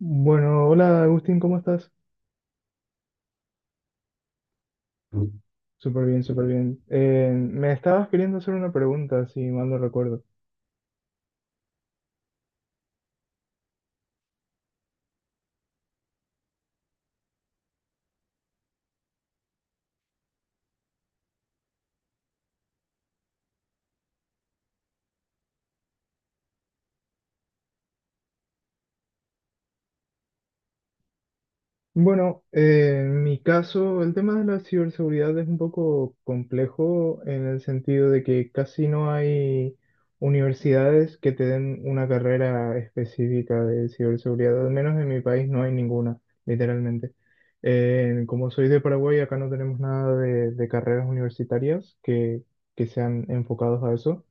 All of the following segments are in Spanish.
Bueno, hola Agustín, ¿cómo estás? Súper bien, súper bien. Me estabas queriendo hacer una pregunta, si mal no recuerdo. Bueno, en mi caso, el tema de la ciberseguridad es un poco complejo en el sentido de que casi no hay universidades que te den una carrera específica de ciberseguridad, al menos en mi país no hay ninguna, literalmente. Como soy de Paraguay, acá no tenemos nada de carreras universitarias que sean enfocados a eso.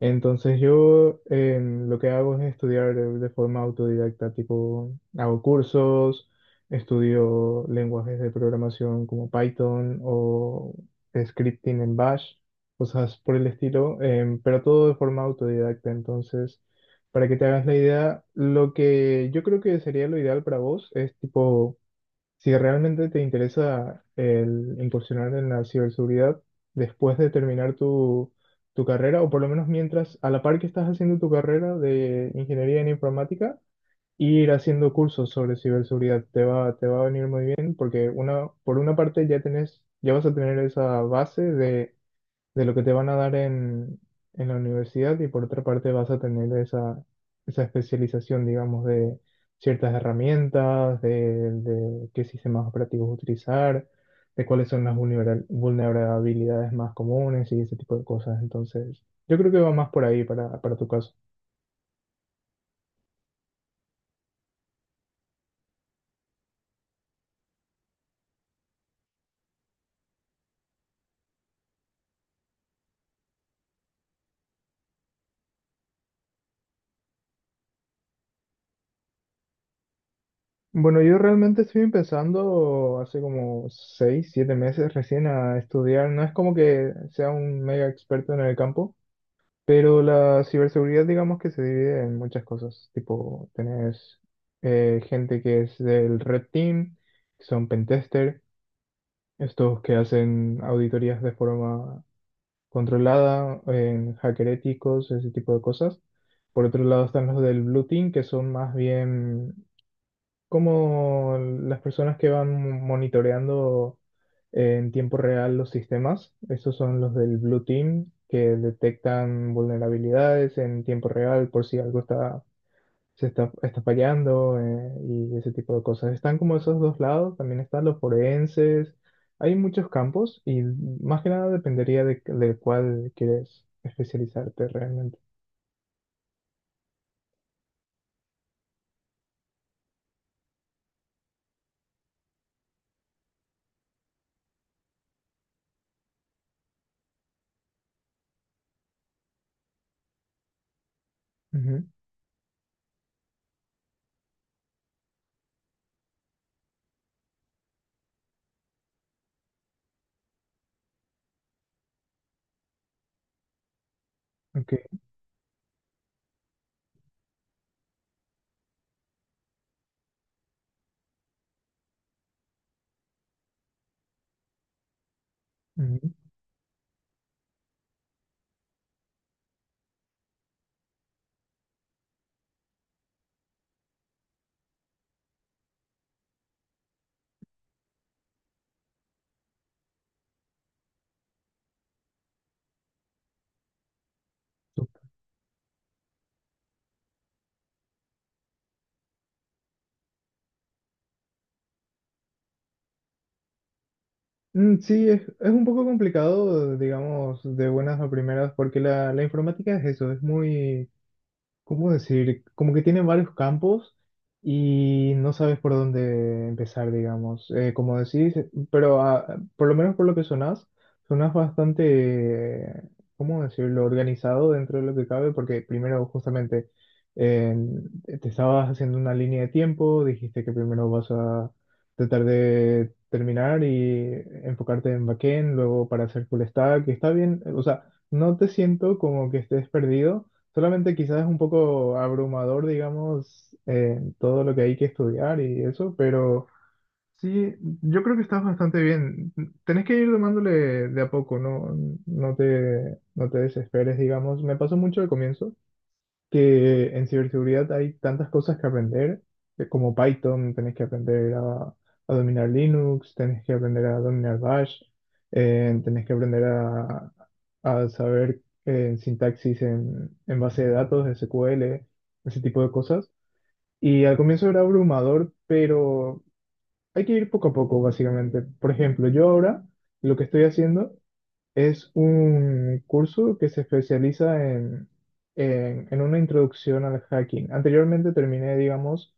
Entonces yo lo que hago es estudiar de forma autodidacta, tipo hago cursos, estudio lenguajes de programación como Python o scripting en Bash, cosas por el estilo, pero todo de forma autodidacta. Entonces, para que te hagas la idea, lo que yo creo que sería lo ideal para vos es tipo si realmente te interesa el incursionar en la ciberseguridad después de terminar tu carrera, o por lo menos mientras, a la par que estás haciendo tu carrera de ingeniería en informática, ir haciendo cursos sobre ciberseguridad te va a venir muy bien porque una, por una parte ya tenés, ya vas a tener esa base de lo que te van a dar en la universidad y por otra parte vas a tener esa especialización, digamos, de ciertas herramientas, de qué sistemas operativos utilizar, de cuáles son las vulnerabilidades más comunes y ese tipo de cosas. Entonces, yo creo que va más por ahí para tu caso. Bueno, yo realmente estoy empezando hace como 6, 7 meses recién a estudiar. No es como que sea un mega experto en el campo, pero la ciberseguridad, digamos que se divide en muchas cosas. Tipo, tenés gente que es del Red Team, que son pentester, estos que hacen auditorías de forma controlada, en hacker éticos, ese tipo de cosas. Por otro lado están los del Blue Team, que son más bien como las personas que van monitoreando en tiempo real los sistemas. Esos son los del Blue Team que detectan vulnerabilidades en tiempo real por si algo está, se está, está fallando y ese tipo de cosas. Están como esos dos lados, también están los forenses. Hay muchos campos y más que nada dependería de cuál quieres especializarte realmente. Ujú. Ok. Ujú. Ok. Mm, sí, es un poco complicado, digamos, de buenas a primeras, porque la informática es eso, es muy. ¿Cómo decir? Como que tienen varios campos y no sabes por dónde empezar, digamos. Como decís, pero ah, por lo menos por lo que sonás, bastante, eh, ¿cómo decirlo?, organizado dentro de lo que cabe, porque primero justamente eh, te estabas haciendo una línea de tiempo, dijiste que primero vas a tratar de terminar y enfocarte en backend, luego para hacer full stack, y está bien, o sea, no te siento como que estés perdido. Solamente quizás es un poco abrumador, digamos, todo lo que hay que estudiar y eso, pero sí, yo creo que estás bastante bien. Tenés que ir tomándole de a poco, no, no te desesperes, digamos. Me pasó mucho al comienzo, que en ciberseguridad hay tantas cosas que aprender, como Python, tenés que aprender a dominar Linux, tenés que aprender a dominar Bash, tenés que aprender a saber sintaxis en base de datos, SQL, ese tipo de cosas. Y al comienzo era abrumador, pero hay que ir poco a poco, básicamente. Por ejemplo, yo ahora lo que estoy haciendo es un curso que se especializa en una introducción al hacking. Anteriormente terminé, digamos,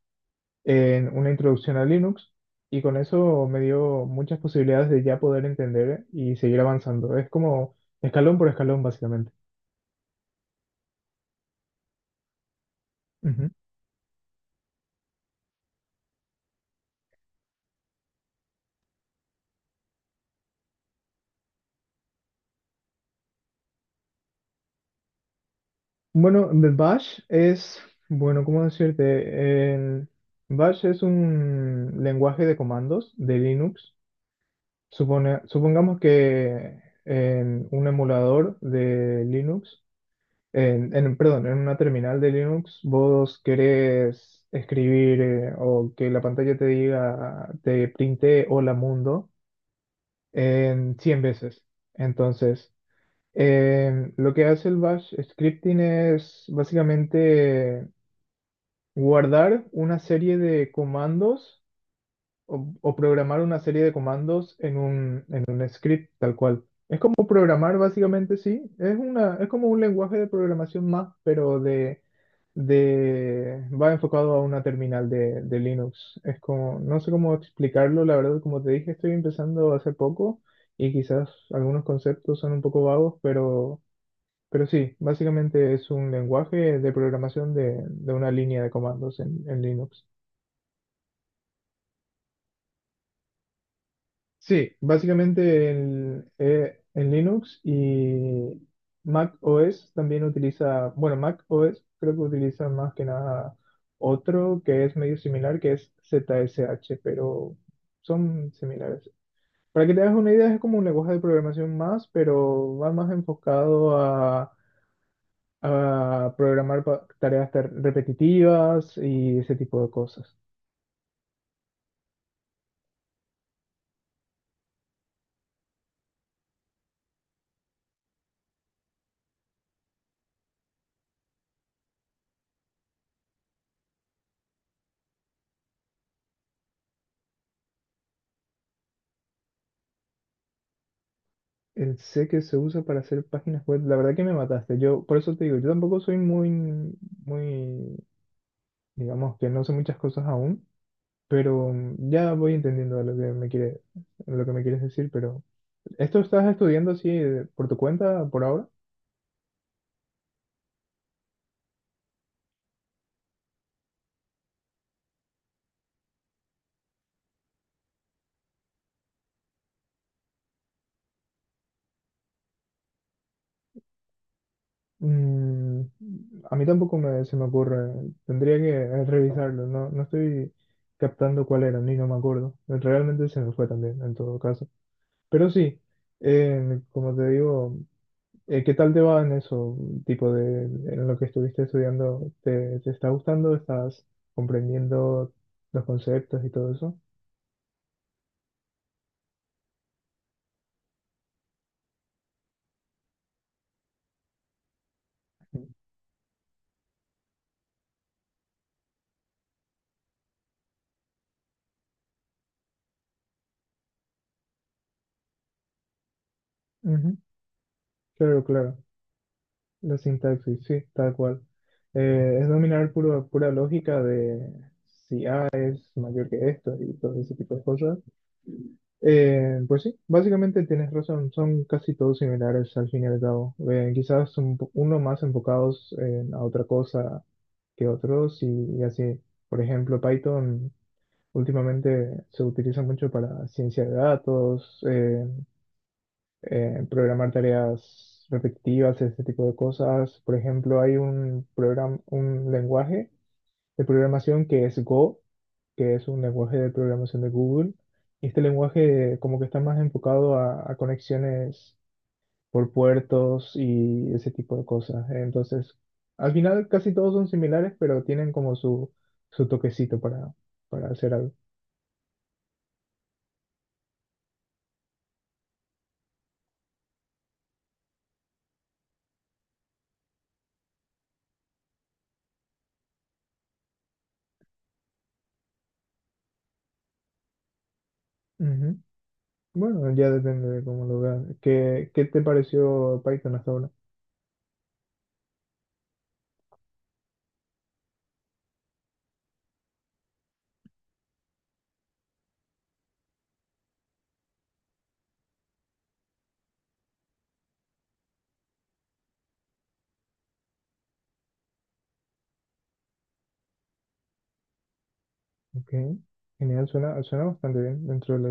en una introducción a Linux y con eso me dio muchas posibilidades de ya poder entender y seguir avanzando. Es como escalón por escalón, básicamente. Ujú. Bueno, de Bash es, bueno, ¿cómo decirte? El Bash es un lenguaje de comandos de Linux. Supongamos que en un emulador de Linux, perdón, en una terminal de Linux, vos querés escribir o que la pantalla te diga, te printe hola mundo en 100 veces. Entonces, lo que hace el bash scripting es básicamente guardar una serie de comandos o programar una serie de comandos en un script tal cual. O programar básicamente sí, es como un lenguaje de programación más, pero de va enfocado a una terminal de Linux. Es como, no sé cómo explicarlo, la verdad, como te dije, estoy empezando hace poco y quizás algunos conceptos son un poco vagos, pero sí, básicamente es un lenguaje de programación de una línea de comandos en Linux. Sí, básicamente en Linux y Mac OS también utiliza, bueno, Mac OS creo que utiliza más que nada otro que es medio similar, que es ZSH, pero son similares. Para que te hagas una idea, es como un lenguaje de programación más, pero va más enfocado a programar tareas repetitivas y ese tipo de cosas. Sé que se usa para hacer páginas web. La verdad que me mataste. Yo, por eso te digo, yo tampoco soy muy, muy, digamos que no sé muchas cosas aún, pero ya voy entendiendo lo que me quieres decir. Pero esto estás estudiando así por tu cuenta por ahora. Mm, a mí tampoco se me ocurre. Tendría que revisarlo. No, no estoy captando cuál era, ni no me acuerdo. Realmente se me fue también, en todo caso. Pero sí, como te digo. ¿Qué tal te va en eso, tipo en lo que estuviste estudiando? ¿Te está gustando? ¿Estás comprendiendo los conceptos y todo eso? Ujú, claro, claro. La sintaxis, sí, tal cual. Es dominar pura lógica de si A es mayor que esto y todo ese tipo de cosas. Pues sí, básicamente tienes razón, son casi todos similares al fin y al cabo. Quizás uno más enfocados a otra cosa que otros y así. Por ejemplo, Python últimamente se utiliza mucho para ciencia de datos, programar tareas repetitivas, ese tipo de cosas. Por ejemplo, hay un programa, un lenguaje de programación que es Go, que es un lenguaje de programación de Google. Y este lenguaje como que está más enfocado a conexiones por puertos y ese tipo de cosas. Entonces, al final casi todos son similares, pero tienen como su toquecito para hacer algo. Ujú. Bueno, ya depende de cómo lo veas. ¿Qué te pareció Python hasta ahora? Ok. Genial. Suena bastante bien dentro de la.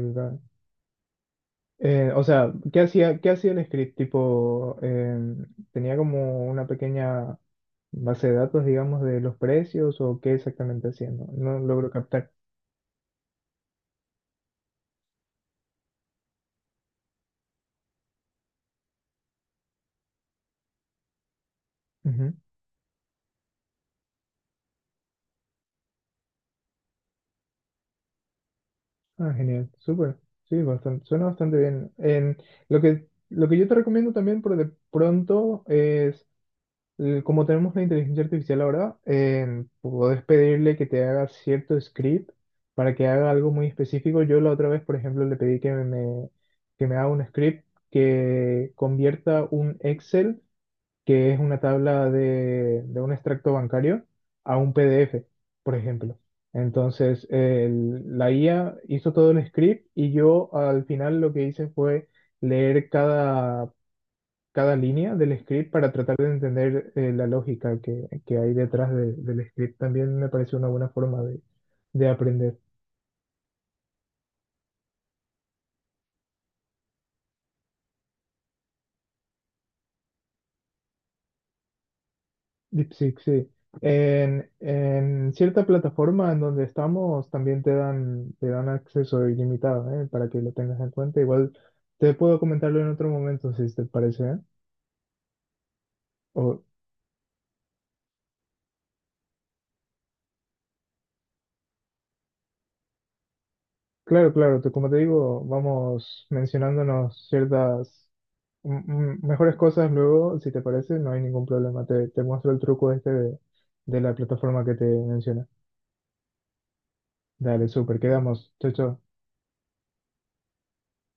O sea, ¿qué hacía el script? Tipo, ¿tenía como una pequeña base de datos, digamos, de los precios o qué exactamente hacía? No, no logro captar. Ujú. Ah, genial, súper. Sí, bastante, suena bastante bien. Lo que yo te recomiendo también por de pronto es como tenemos la inteligencia artificial ahora, puedes pedirle que te haga cierto script para que haga algo muy específico. Yo la otra vez, por ejemplo, le pedí que me haga un script que convierta un Excel, que es una tabla de un extracto bancario, a un PDF, por ejemplo. Entonces, la IA hizo todo el script y yo al final lo que hice fue leer cada línea del script para tratar de entender la lógica que hay detrás del script. También me parece una buena forma de aprender. DeepSeek, sí. En cierta plataforma en donde estamos también te dan acceso ilimitado, ¿eh? Para que lo tengas en cuenta. Igual te puedo comentarlo en otro momento si te parece, ¿eh? O, claro, claro, como te digo, vamos mencionándonos ciertas mejores cosas luego, si te parece, no hay ningún problema. Te muestro el truco este de la plataforma que te mencioné. Dale, súper, quedamos. Chao, chao.